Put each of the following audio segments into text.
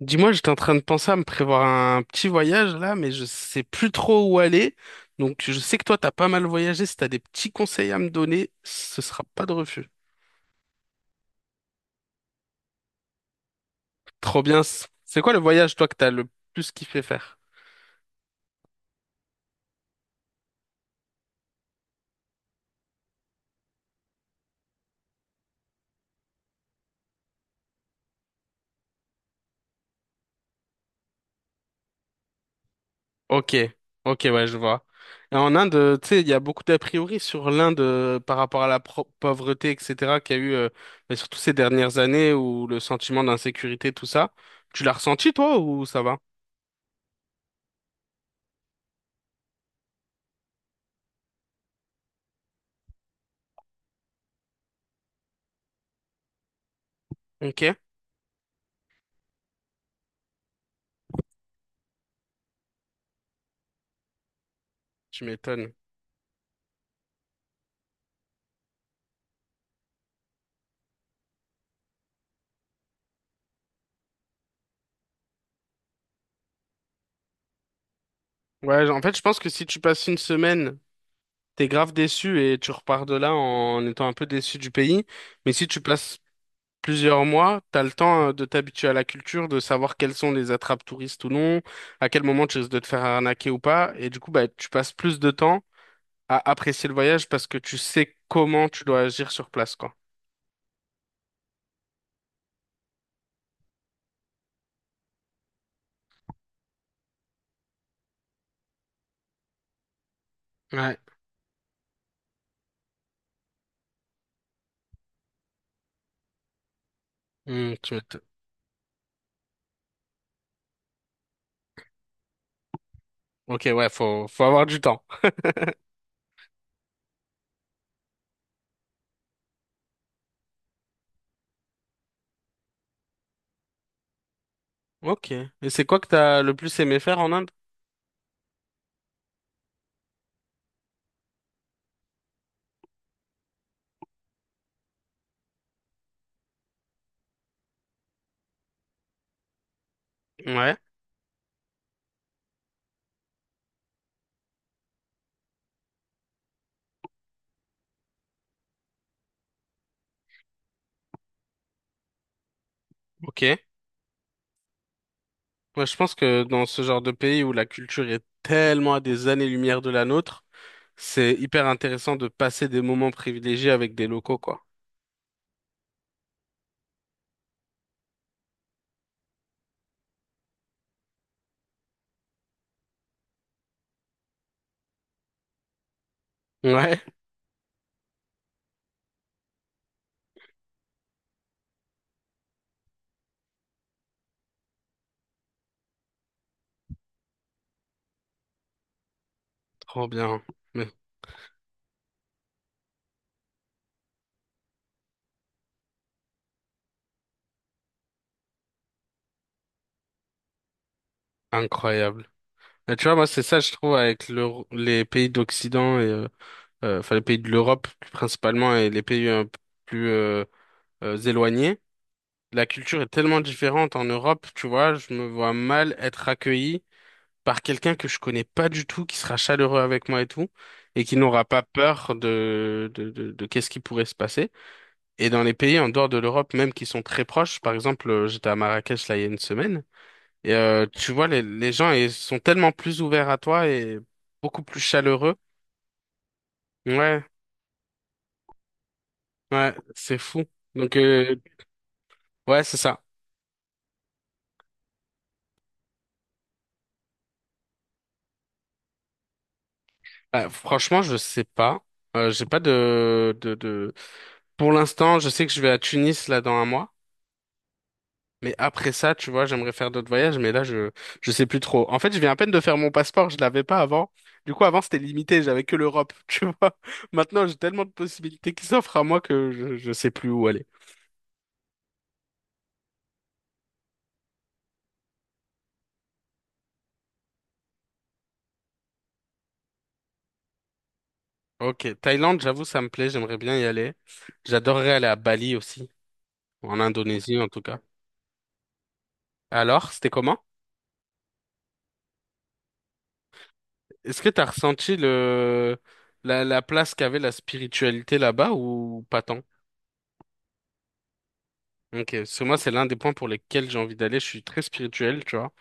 Dis-moi, j'étais en train de penser à me prévoir un petit voyage là, mais je sais plus trop où aller. Donc je sais que toi, t'as pas mal voyagé. Si t'as des petits conseils à me donner, ce sera pas de refus. Trop bien. C'est quoi le voyage, toi, que t'as le plus kiffé faire? Ok, ok, ouais, je vois. Et en Inde, tu sais, il y a beaucoup d'a priori sur l'Inde par rapport à la pauvreté, etc., qu'il y a eu, mais surtout ces dernières années où le sentiment d'insécurité, tout ça. Tu l'as ressenti, toi, ou ça va? Ok, tu m'étonnes. Ouais, en fait, je pense que si tu passes une semaine, t'es grave déçu et tu repars de là en étant un peu déçu du pays. Mais si tu passes plusieurs mois, t'as le temps de t'habituer à la culture, de savoir quelles sont les attrapes touristes ou non, à quel moment tu risques de te faire arnaquer ou pas. Et du coup, bah, tu passes plus de temps à apprécier le voyage parce que tu sais comment tu dois agir sur place, quoi. Ouais. Hmm, tu m'étonnes. Ok, ouais, faut, faut avoir du temps. Ok. Et c'est quoi que t'as le plus aimé faire en Inde? Ouais, ok. Moi, je pense que dans ce genre de pays où la culture est tellement à des années-lumière de la nôtre, c'est hyper intéressant de passer des moments privilégiés avec des locaux, quoi. Ouais, trop bien. Mais incroyable. Et tu vois, moi, c'est ça, je trouve, avec les pays d'Occident et enfin, les pays de l'Europe, principalement, et les pays un peu plus, éloignés. La culture est tellement différente en Europe, tu vois, je me vois mal être accueilli par quelqu'un que je connais pas du tout, qui sera chaleureux avec moi et tout, et qui n'aura pas peur de qu'est-ce qui pourrait se passer. Et dans les pays en dehors de l'Europe, même qui sont très proches, par exemple, j'étais à Marrakech là il y a une semaine, et tu vois, les gens ils sont tellement plus ouverts à toi et beaucoup plus chaleureux. Ouais, ouais, c'est fou. Donc, ouais, c'est ça. Franchement, je sais pas. J'ai pas Pour l'instant, je sais que je vais à Tunis là dans un mois. Mais après ça, tu vois, j'aimerais faire d'autres voyages, mais je sais plus trop. En fait, je viens à peine de faire mon passeport, je l'avais pas avant. Du coup, avant, c'était limité, j'avais que l'Europe, tu vois. Maintenant, j'ai tellement de possibilités qui s'offrent à moi que je sais plus où aller. Ok, Thaïlande, j'avoue, ça me plaît, j'aimerais bien y aller. J'adorerais aller à Bali aussi, ou en Indonésie en tout cas. Alors, c'était comment? Est-ce que t'as ressenti la place qu'avait la spiritualité là-bas ou pas tant? Ok, parce que moi, c'est l'un des points pour lesquels j'ai envie d'aller, je suis très spirituel, tu vois.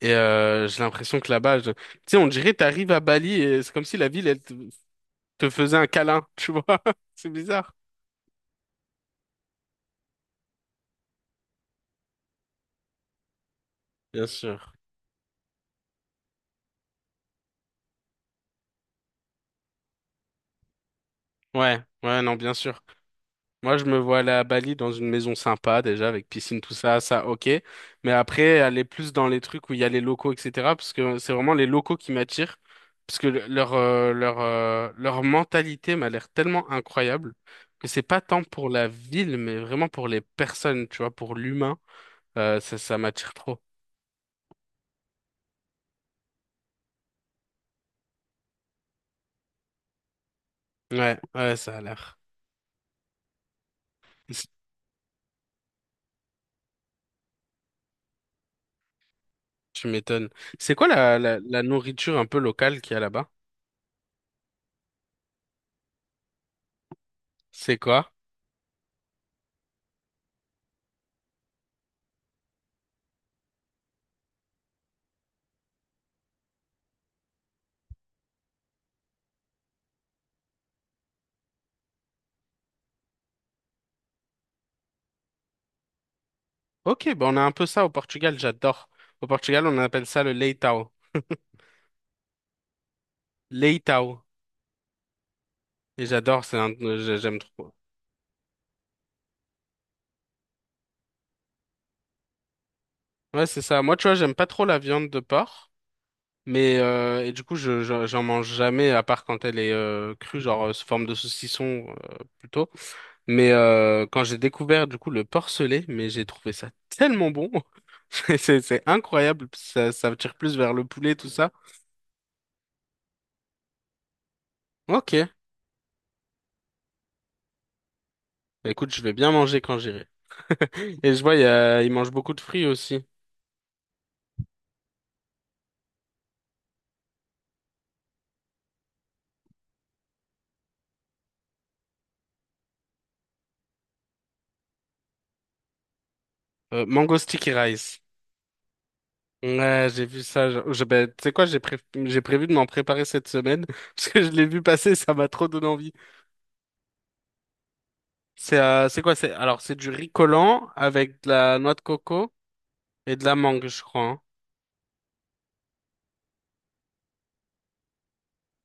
Et j'ai l'impression que là-bas, tu sais, on dirait t'arrives à Bali et c'est comme si la te faisait un câlin, tu vois. C'est bizarre. Bien sûr. Ouais, ouais, non, bien sûr. Moi, je me vois aller à Bali dans une maison sympa, déjà, avec piscine, tout ça, ça, ok. Mais après, aller plus dans les trucs où il y a les locaux, etc. Parce que c'est vraiment les locaux qui m'attirent. Parce que leur mentalité m'a l'air tellement incroyable que c'est pas tant pour la ville, mais vraiment pour les personnes, tu vois, pour l'humain. Ça m'attire trop. Ouais, ouais, ça a l'air. Tu m'étonnes. C'est quoi la nourriture un peu locale qu'il y a là-bas? C'est quoi? Ok, ben on a un peu ça au Portugal, j'adore. Au Portugal, on appelle ça le leitão. Leitão. Et j'adore, c'est un... j'aime trop. Ouais, c'est ça. Moi, tu vois, j'aime pas trop la viande de porc. Mais et du coup, j'en mange jamais, à part quand elle est crue, genre sous forme de saucisson plutôt. Mais quand j'ai découvert du coup le porcelet, mais j'ai trouvé ça tellement bon. C'est incroyable, ça me tire plus vers le poulet, tout ça. Ok, bah, écoute, je vais bien manger quand j'irai. Et je vois, il mange beaucoup de fruits aussi. Mango sticky rice. Ouais, j'ai vu ça. Ben, tu sais quoi, j'ai prévu de m'en préparer cette semaine parce que je l'ai vu passer, ça m'a trop donné envie. C'est quoi? C'est alors c'est du riz collant avec de la noix de coco et de la mangue, je crois, hein.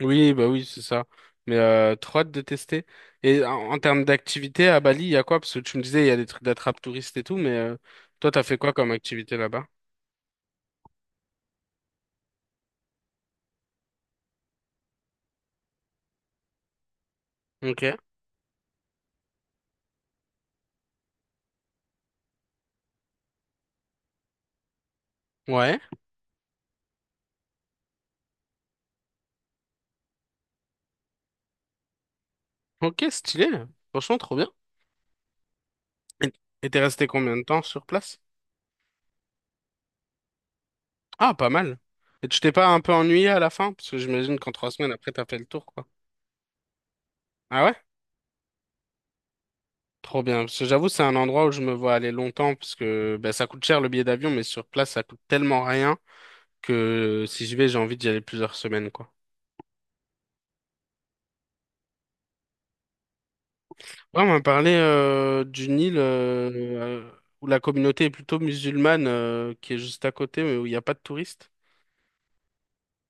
Oui, bah oui, c'est ça. Mais trop hâte de tester. Et en termes d'activité à Bali, il y a quoi? Parce que tu me disais, il y a des trucs d'attrape touristes et tout, mais toi, t'as fait quoi comme activité là-bas? Ok. Ouais. Ok, stylé. Franchement, trop bien. Et et t'es resté combien de temps sur place? Ah, pas mal. Et tu t'es pas un peu ennuyé à la fin? Parce que j'imagine qu'en trois semaines après, t'as fait le tour, quoi. Ah ouais? Trop bien. Parce que j'avoue, c'est un endroit où je me vois aller longtemps, parce que bah, ça coûte cher le billet d'avion, mais sur place, ça coûte tellement rien que si je vais, j'ai envie d'y aller plusieurs semaines, quoi. Ouais, on m'a parlé d'une île euh, où la communauté est plutôt musulmane, qui est juste à côté, mais où il n'y a pas de touristes.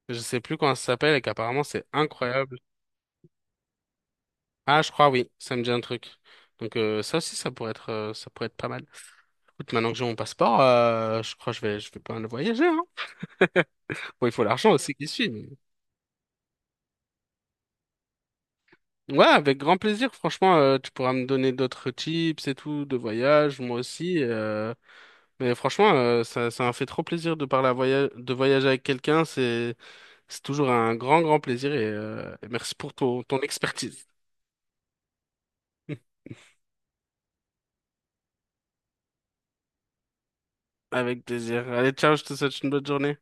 Je sais plus comment ça s'appelle et qu'apparemment c'est incroyable. Ah, je crois, oui, ça me dit un truc. Donc ça pourrait être pas mal. Écoute, maintenant que j'ai mon passeport, je crois que je vais pas mal voyager, hein. Bon, il faut l'argent aussi qui suit, mais— Ouais, avec grand plaisir. Franchement, tu pourras me donner d'autres tips et tout de voyage, moi aussi, euh. Mais franchement, ça m'a fait trop plaisir de parler à de voyager avec quelqu'un. C'est toujours un grand, grand plaisir et merci pour ton expertise. Avec plaisir. Allez, ciao, je te souhaite une bonne journée.